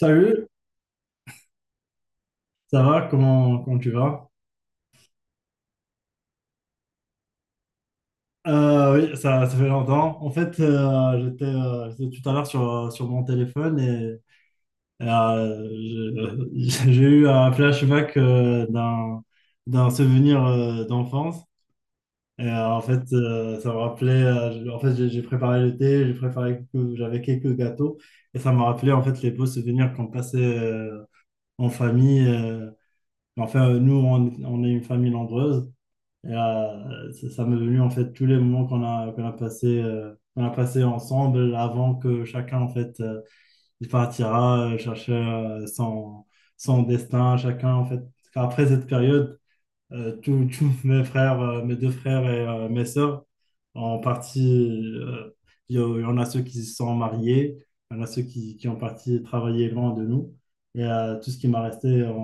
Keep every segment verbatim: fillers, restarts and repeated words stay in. Salut, ça va? Comment, comment tu vas? Euh, oui, ça, ça fait longtemps. En fait, euh, j'étais euh, j'étais tout à l'heure sur, euh, sur mon téléphone et et, euh, j'ai j'ai eu un flashback euh, d'un d'un souvenir euh, d'enfance. Et euh, en fait, euh, ça me rappelait. Euh, en fait, j'ai j'ai préparé le thé, j'ai préparé quelques- j'avais quelques gâteaux, et ça me rappelait en fait les beaux souvenirs qu'on passait euh, en famille. euh. Enfin, nous, on, on est une famille nombreuse. Et, euh, ça ça m'est venu en fait tous les moments qu'on a, qu'on a passé, euh, qu'on a passé ensemble avant que chacun en fait euh, il partira euh, chercher euh, son, son destin. Chacun en fait, enfin, après cette période, euh, tous tous mes frères, euh, mes deux frères et euh, mes sœurs, en partie, euh, il y, a- il y en a ceux qui se sont mariés, il y en a ceux qui, qui ont parti travailler loin de nous. Et euh, tout ce qui m'a resté en,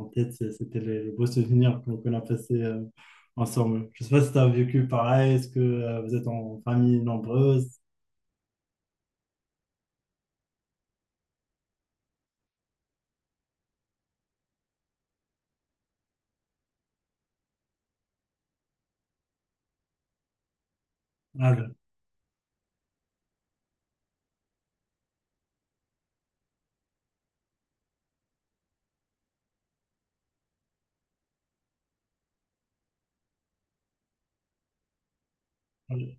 en tête, c'est- c'était les, les beaux souvenirs qu'on qu'on a passés euh, ensemble. Je ne sais pas si tu as vécu pareil. Est-ce que euh, vous êtes en famille nombreuse? Ah, je-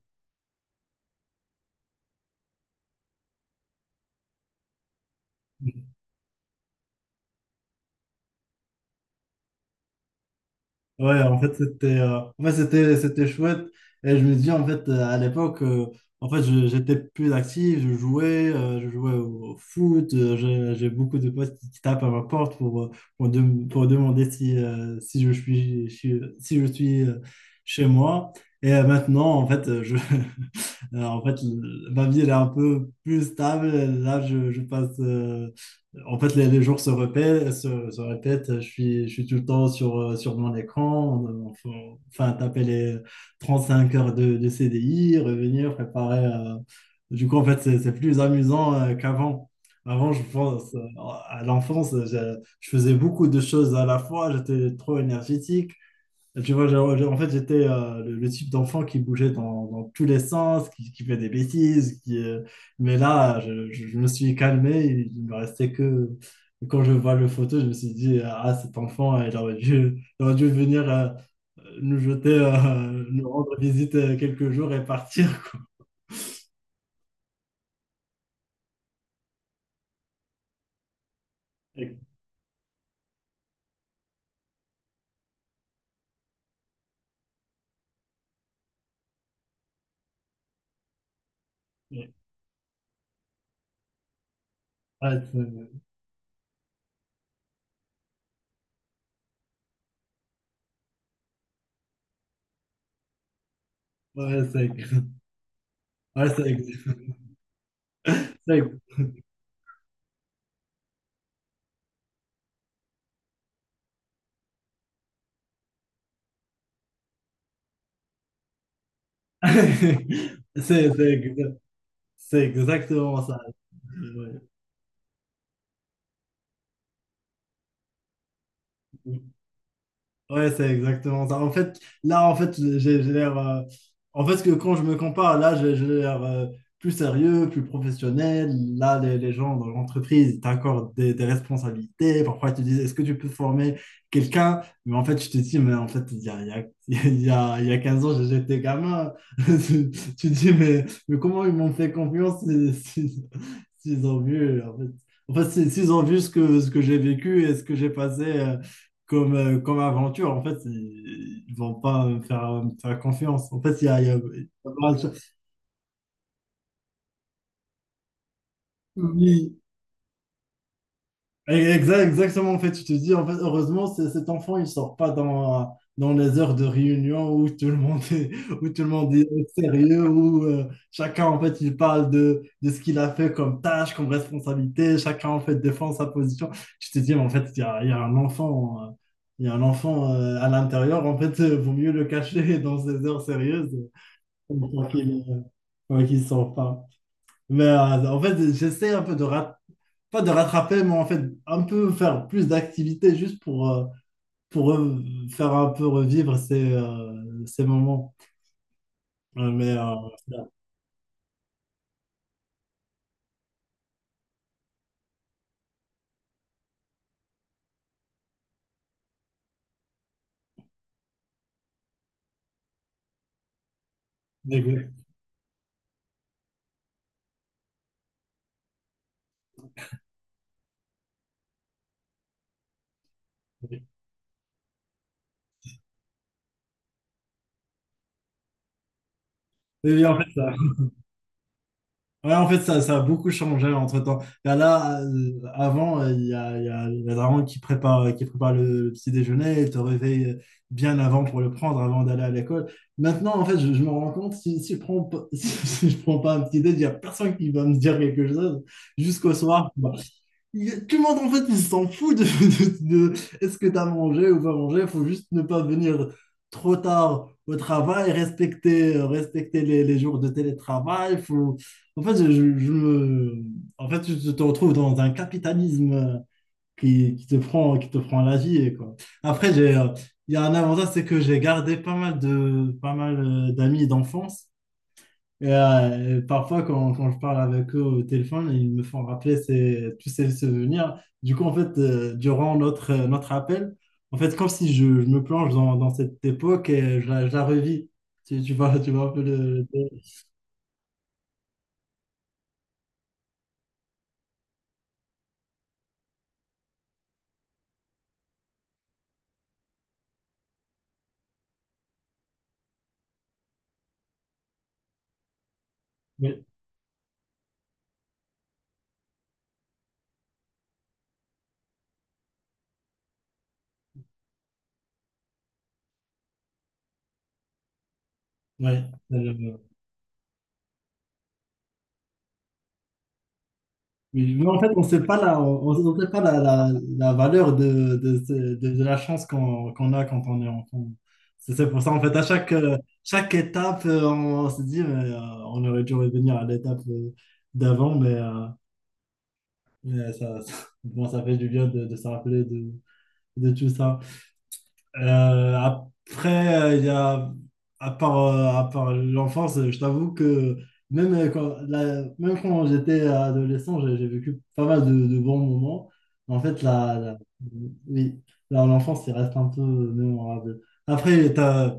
ouais, en fait, c'était euh, en fait, c'était, c'était chouette. Et je me dis, en fait, euh, à l'époque, euh, en fait, je- j'étais plus actif, je jouais, euh, je jouais au foot. euh, j'ai j'ai beaucoup de potes qui, qui tapent à ma porte pour, euh, pour, dem- pour demander si, euh, si je suis, si, si je suis euh, chez moi. Et euh, maintenant, en fait, euh, je, euh, en fait, le- ma vie, elle est un peu plus stable. Là, je, je passe. Euh, en fait, les, les jours se répètent, se, se répètent. Je suis, je suis tout le temps sur, euh, sur mon écran. On- on- faut- Enfin, taper les trente-cinq heures de, de C D I, revenir, préparer. euh. Du coup, en fait, c'est c'est plus amusant euh, qu'avant. Avant, je pense, euh, à l'enfance, je, je faisais beaucoup de choses à la fois. J'étais trop énergétique. Tu vois, j'ai- j'ai- en fait, j'étais euh, le, le type d'enfant qui bougeait dans, dans tous les sens, qui, qui fait des bêtises, qui, euh, mais là, je, je- je me suis calmé, il me restait que... Quand je vois le photo, je me suis dit, ah, cet enfant, il aurait dû, il aurait dû venir euh, nous jeter, euh, nous rendre visite euh, quelques jours et partir. Ouais, c'est ouais, c'est- ouais, c'est ex- c'est ex- c'est- c'est ex- c'est exactement ça. Ouais. Ouais, c'est exactement ça. En fait, là, en fait, j'ai j'ai l'air. Euh, en fait, que quand je me compare, là, j'ai j'ai l'air euh, plus sérieux, plus professionnel. Là, les, les gens dans l'entreprise, ils t'accordent des, des responsabilités. Parfois, ils te disent, est-ce que tu peux former quelqu'un? Mais en fait, je te dis, mais en fait, il y a, il y a, il y a, il y a quinze ans, j'étais gamin. Tu, tu dis, mais, mais comment ils m'ont fait confiance si- si- s'ils ont vu, en fait, en fait, si- s'ils ont vu ce que, ce que j'ai vécu et ce que j'ai passé. Euh, comme, euh, comme aventure, en fait, ils ne vont pas me faire, me faire confiance. En fait, il y a, il y a- il y a pas- oui. Exa- exactement, en fait, tu te dis, en fait, heureusement, c'est- cet enfant, il sort pas dans, euh, dans les heures de réunion où tout le monde est, où tout le monde est sérieux, où euh, chacun, en fait, il parle de, de ce qu'il a fait comme tâche, comme responsabilité, chacun, en fait, défend sa position. Tu te dis, mais en fait, il y a, il y a un enfant, euh, il y a un enfant euh, à l'intérieur, en fait, euh, vaut mieux le cacher dans ces heures sérieuses. Pour qu'il pour qu'il s'en Mais euh, en fait, j'essaie un peu de rat- pas de rattraper, mais en fait, un peu faire plus d'activités juste pour, euh, pour euh, faire un peu revivre ces, euh, ces moments. Euh, Mais, euh, voilà. Mais, oui. Mais oui, oui, en fait, ça. Ouais, en fait, ça, ça a beaucoup changé entre-temps. Là, là, euh, avant, euh, il y a, il y a la daronne qui prépare, qui prépare le, le petit déjeuner, et te réveille euh, bien avant pour le prendre, avant d'aller à l'école. Maintenant, en fait, je, je me rends compte, si, si je prends, pas- si, je prends pas un petit déj, il n'y a personne qui va me dire quelque chose jusqu'au soir. Bah, y tout le monde, en fait, il s'en fout de, de- de- est-ce que tu as mangé ou pas mangé. Il faut juste ne pas venir trop tard au travail, respecter, euh, respecter les, les jours de télétravail. Faut... En fait, je, je- je me... en fait, tu tu te retrouves dans un capitalisme euh, qui, qui te prend, qui te prend la vie, et quoi. Après, j'ai, euh, il y a un avantage, c'est que j'ai gardé pas mal de, pas mal euh, d'amis d'enfance. Et, euh, parfois, quand, quand je parle avec eux au téléphone, ils me font rappeler ces- tous ces souvenirs. Du coup, en fait, euh, durant notre, euh, notre appel, en fait, comme si je, je me plonge dans, dans cette époque et je la, je la revis. Tu, tu vois, tu vois un peu le... le- oui, oui. Oui, mais nous, en fait, on ne sait pas la, on, on sait pas la, la, la valeur de, de, ce- de- de la chance qu'on qu'on a quand on est enfant. C'est c'est pour ça, en fait, à chaque, euh, chaque étape, euh, on, on se dit, mais, euh, on aurait dû revenir à l'étape euh, d'avant, mais, euh, mais ça- bon, ça fait du bien de, de se rappeler de, de tout ça. Euh, après, euh, il y a, à part, euh, à part l'enfance, euh, je t'avoue que même euh, quand, la- même quand j'étais adolescent, j'ai j'ai vécu pas mal de, de bons moments. En fait, la, la- oui, la- l'enfance, il reste un peu mémorable. Après, t'as-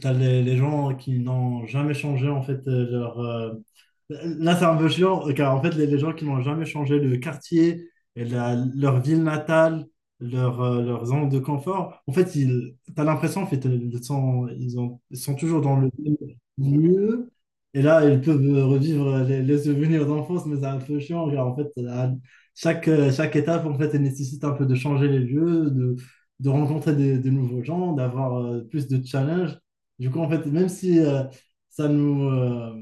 T'as les, les gens qui n'ont jamais changé en fait euh, leur. euh, Là, c'est un peu chiant, euh, car en fait, les, les gens qui n'ont jamais changé le quartier, et la- leur ville natale, leur, euh, leur zone de confort, en fait, ils, t'as l'impression en fait, euh, ils sont, ils ont, ils sont toujours dans le même lieu. Et là, ils peuvent euh, revivre les, les souvenirs d'enfance, mais c'est un peu chiant, car en fait, à chaque, euh, chaque étape, en fait, elle nécessite un peu de changer les lieux, de, de rencontrer des, des nouveaux gens, d'avoir euh, plus de challenges. Du coup, en fait, même si euh, ça nous, euh,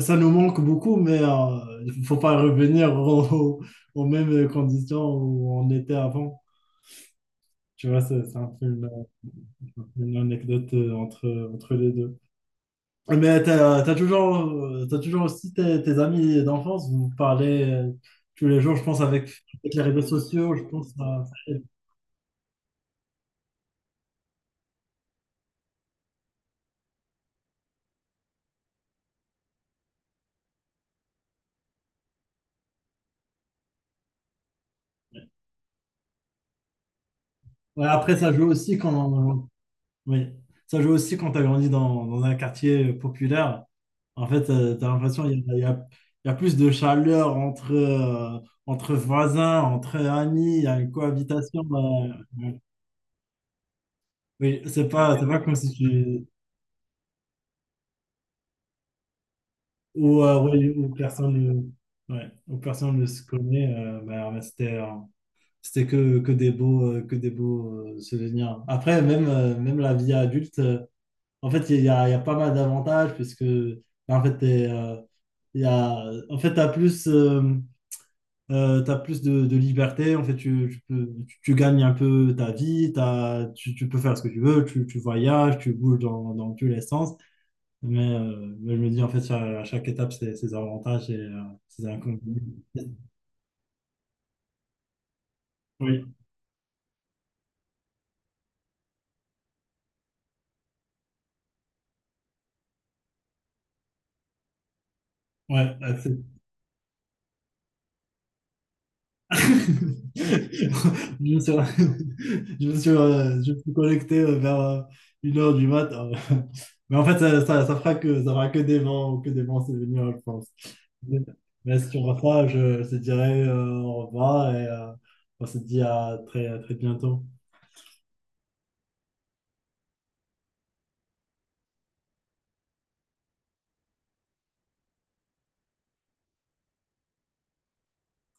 ça nous manque beaucoup, mais euh, il faut pas revenir au- aux mêmes conditions où on était avant. Tu vois, c'est c'est un peu une, une anecdote euh, entre, entre les deux. Mais t'as, t'as toujours, euh, t'as toujours aussi tes, tes amis d'enfance, vous parlez euh, tous les jours, je pense, avec, avec les réseaux sociaux, je pense. ça- ça- aide. Ouais, après, ça joue aussi quand Oui, ça joue aussi quand tu as grandi dans, dans un quartier populaire. En fait, tu as l'impression qu'il y a, il y a- il y a plus de chaleur entre, euh, entre voisins, entre amis, il y a une cohabitation. euh, euh, oui, c'est pas, c'est pas comme si tu. Ou, euh, oui, ou personne ne, ouais, ou personne ne se connaît. euh, bah, bah, c'était euh, c'était que, que des beaux, euh, que des beaux euh, souvenirs. Après, même, euh, même la vie adulte. euh, En fait, il y a, il y a pas mal d'avantages puisque en fait, t'es, euh, il y a, en fait, t'as plus, euh, euh, t'as plus de, de liberté. En fait, tu, tu peux- tu- tu gagnes un peu ta vie. t'as- tu, tu peux faire ce que tu veux. Tu, tu voyages, tu bouges dans, dans tous les sens. Mais, euh, mais je me dis, en fait, à, à chaque étape, c'est ses avantages et euh, ses inconvénients. Oui, ouais. Je me suis, je me suis, euh, je me suis connecté euh, vers euh, une heure du matin. Mais en fait, ça, ça, ça fera que, ça fera que des vents, que des vents c'est souvenirs, je pense. Mais, mais si on va pas, je, je te dirai euh, au revoir et euh, on se dit à très, à très bientôt.